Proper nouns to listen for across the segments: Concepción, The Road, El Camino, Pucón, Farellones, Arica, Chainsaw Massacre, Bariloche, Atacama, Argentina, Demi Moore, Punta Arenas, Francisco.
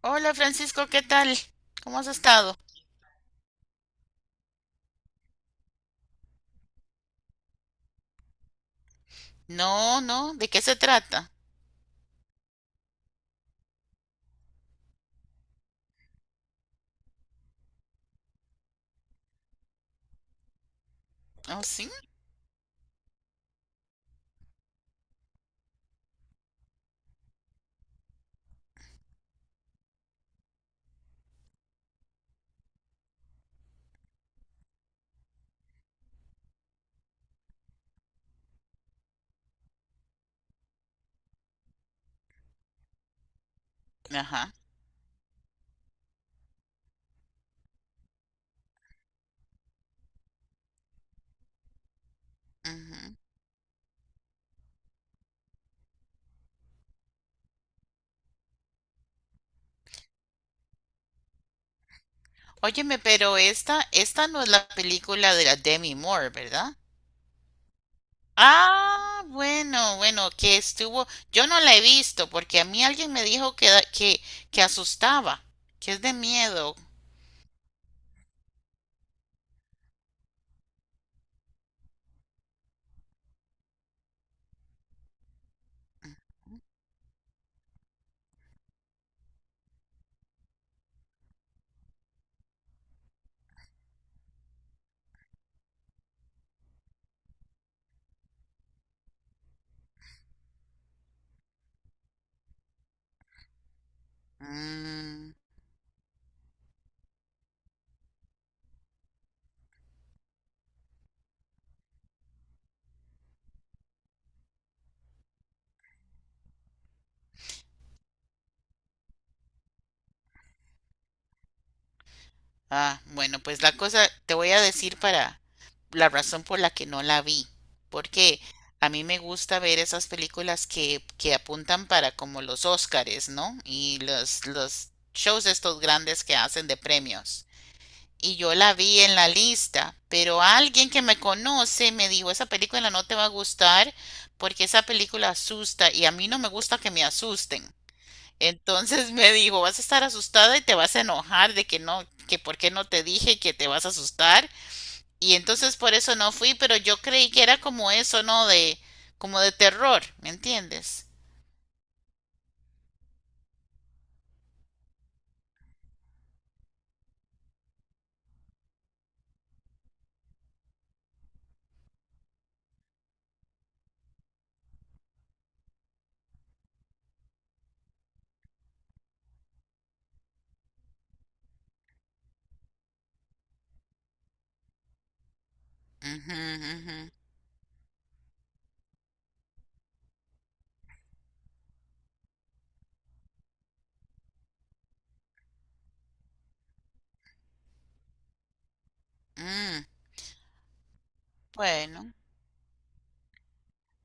Hola Francisco, ¿qué tal? ¿Cómo has estado? No, no, ¿de qué se trata? Oh, sí, ajá. Ujú. Óyeme, pero esta no es la película de la Demi Moore, ¿verdad? Ah, bueno, bueno, que estuvo, yo no la he visto porque a mí alguien me dijo que que asustaba, que es de miedo. Mm, bueno, pues la cosa te voy a decir la razón por la que no la vi, porque a mí me gusta ver esas películas que apuntan para como los Óscares, ¿no? Y los shows estos grandes que hacen de premios. Y yo la vi en la lista, pero alguien que me conoce me dijo, esa película no te va a gustar porque esa película asusta y a mí no me gusta que me asusten. Entonces me dijo, vas a estar asustada y te vas a enojar de que no, que por qué no te dije que te vas a asustar y entonces por eso no fui, pero yo creí que era como eso, ¿no? De, como de terror, ¿me entiendes? Ujú, ujú. Mm, bueno.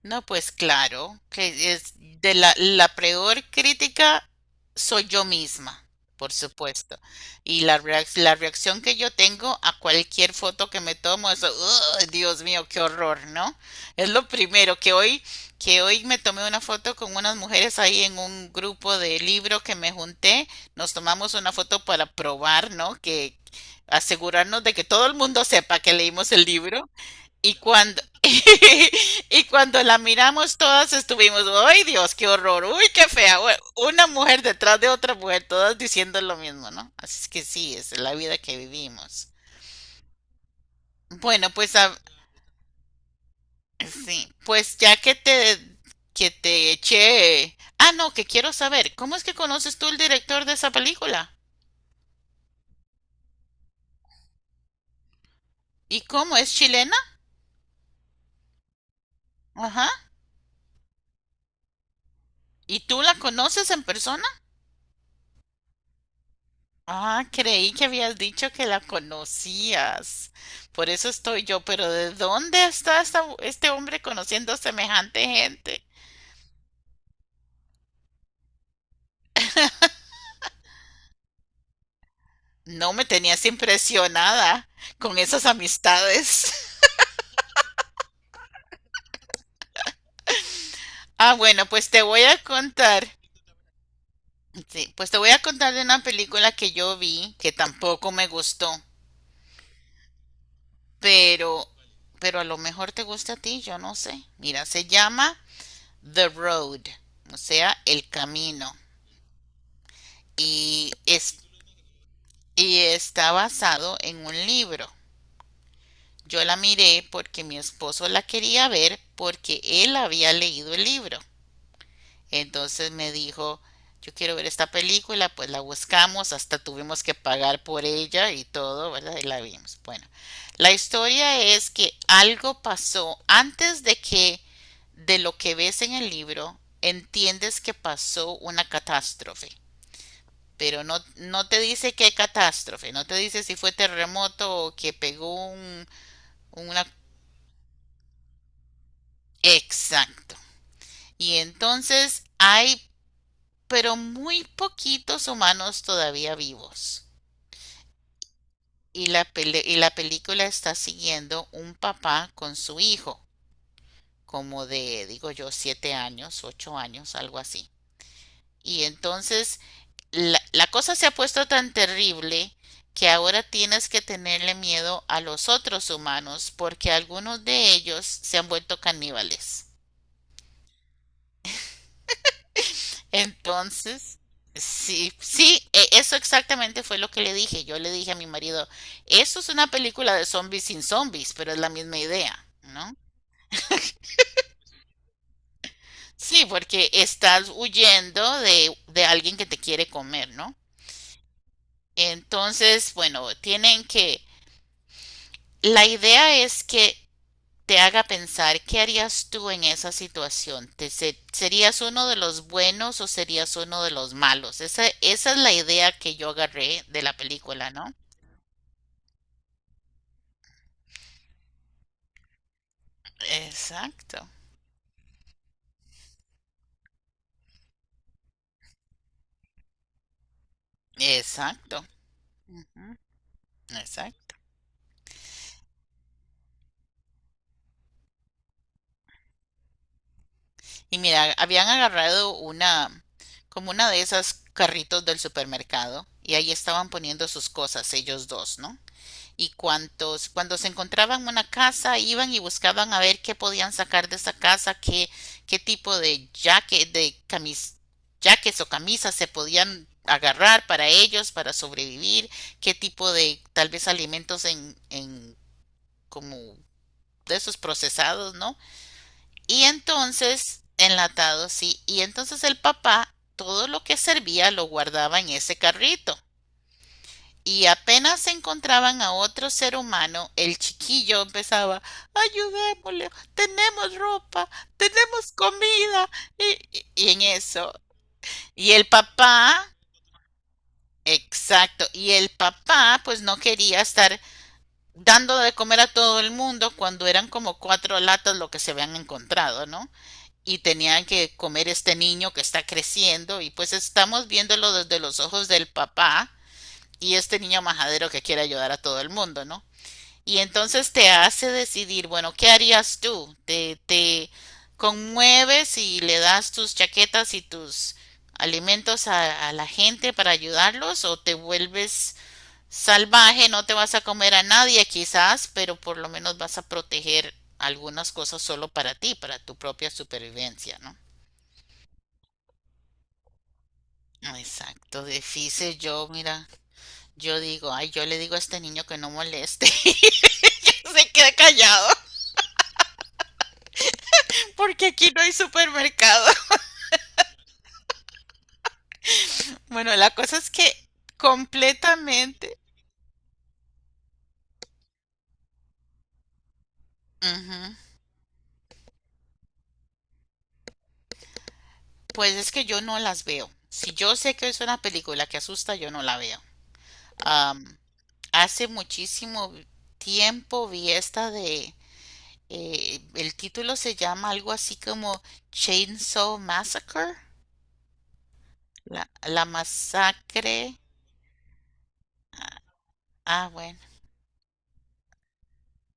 No, pues claro, que es de la peor crítica soy yo misma, por supuesto. Y la reacción que yo tengo a cualquier foto que me tomo es: "Ugh, Dios mío, qué horror", ¿no? Es lo primero que hoy me tomé una foto con unas mujeres ahí en un grupo de libro que me junté. Nos tomamos una foto para probar, ¿no? Que asegurarnos de que todo el mundo sepa que leímos el libro. Y cuando, y cuando la miramos todas estuvimos, ¡ay Dios, qué horror! ¡Uy, qué fea! Bueno, una mujer detrás de otra mujer, todas diciendo lo mismo, ¿no? Así es que sí, es la vida que vivimos. Bueno, sí, pues ya que que te eché... Ah, no, que quiero saber, ¿cómo es que conoces tú el director de esa película? ¿Y cómo es chilena? Ajá. ¿Y tú la conoces en persona? Ah, creí que habías dicho que la conocías. Por eso estoy yo, pero ¿de dónde está este hombre conociendo semejante gente? No me tenías impresionada con esas amistades. Ah, bueno, pues te voy a contar. Sí, pues te voy a contar de una película que yo vi que tampoco me gustó, pero a lo mejor te gusta a ti, yo no sé. Mira, se llama The Road, o sea, El Camino. Y es y está basado en un libro. Yo la miré porque mi esposo la quería ver porque él había leído el libro. Entonces me dijo, yo quiero ver esta película, pues la buscamos, hasta tuvimos que pagar por ella y todo, ¿verdad? Y la vimos. Bueno, la historia es que algo pasó antes de que de lo que ves en el libro, entiendes que pasó una catástrofe, pero no, no te dice qué catástrofe, no te dice si fue terremoto o que pegó una... Exacto. Y entonces hay, pero muy poquitos humanos todavía vivos. Y la, pele y la película está siguiendo un papá con su hijo, como de, digo yo, 7 años, 8 años, algo así. Y entonces la cosa se ha puesto tan terrible que ahora tienes que tenerle miedo a los otros humanos porque algunos de ellos se han vuelto caníbales. Entonces, sí, sí, eso exactamente fue lo que le dije. Yo le dije a mi marido, eso es una película de zombies sin zombies, pero es la misma idea, ¿no? Sí, porque estás huyendo de alguien que te quiere comer, ¿no? Entonces, bueno, tienen que... La idea es que te haga pensar qué harías tú en esa situación. ¿Serías uno de los buenos o serías uno de los malos? Esa es la idea que yo agarré de la película, ¿no? Exacto, exacto, ujú, exacto. Y mira, habían agarrado una, como una de esas carritos del supermercado y ahí estaban poniendo sus cosas, ellos dos, ¿no? Y cuando se encontraban una casa, iban y buscaban a ver qué podían sacar de esa casa, qué tipo de jaques o camisas se podían agarrar para ellos, para sobrevivir, qué tipo de tal vez alimentos en como de esos procesados, ¿no? Y entonces, enlatados, sí, y entonces el papá todo lo que servía lo guardaba en ese carrito y apenas encontraban a otro ser humano, el chiquillo empezaba, ayudémosle, tenemos ropa, tenemos comida, y, y en eso. Y el papá, exacto, y el papá pues no quería estar dando de comer a todo el mundo cuando eran como 4 latas lo que se habían encontrado, ¿no? Y tenían que comer este niño que está creciendo y pues estamos viéndolo desde los ojos del papá y este niño majadero que quiere ayudar a todo el mundo, ¿no? Y entonces te hace decidir, bueno, ¿qué harías tú? Te conmueves y le das tus chaquetas y tus alimentos a la gente para ayudarlos o te vuelves salvaje, no te vas a comer a nadie quizás, pero por lo menos vas a proteger algunas cosas solo para ti, para tu propia supervivencia, ¿no? Exacto, difícil yo, mira, yo digo, ay, yo le digo a este niño que no moleste, y se queda callado, porque aquí no hay supermercado. Bueno, la cosa es que completamente, ujú. Pues es que yo no las veo. Si yo sé que es una película que asusta, yo no la veo. Am, Hace muchísimo tiempo vi esta el título se llama algo así como Chainsaw Massacre, la masacre. Ah, bueno,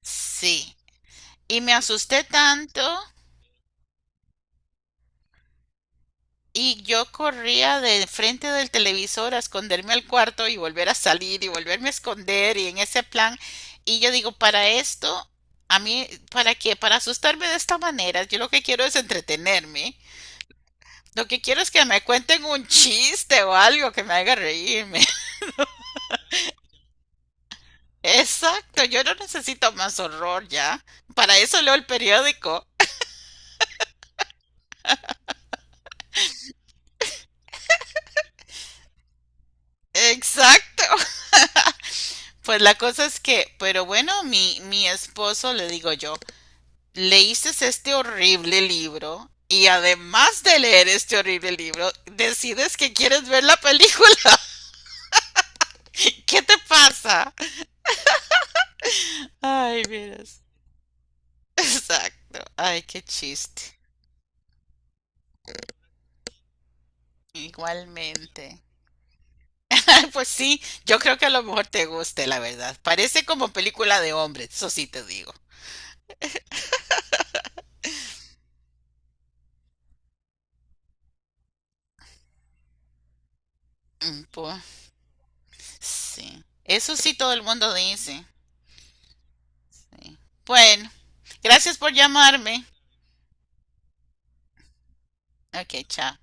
sí. Y me asusté tanto. Y yo corría de frente del televisor a esconderme al cuarto y volver a salir y volverme a esconder y en ese plan. Y yo digo, para esto, a mí, ¿para qué? Para asustarme de esta manera. Yo lo que quiero es entretenerme. Lo que quiero es que me cuenten un chiste o algo que me haga reírme. Exacto, yo no necesito más horror ya. Para eso leo el periódico. Exacto. Pues la cosa es que, pero bueno, mi esposo, le digo yo, leíste este horrible libro y además de leer este horrible libro, decides que quieres ver la película. ¿Qué te pasa? Ay, miras. Exacto. Ay, qué chiste. Igualmente. Pues sí, yo creo que a lo mejor te guste, la verdad. Parece como película de hombres, eso sí te digo. Mm, pues sí. Eso sí todo el mundo dice. Sí. Bueno, gracias por llamarme. Ok, chao.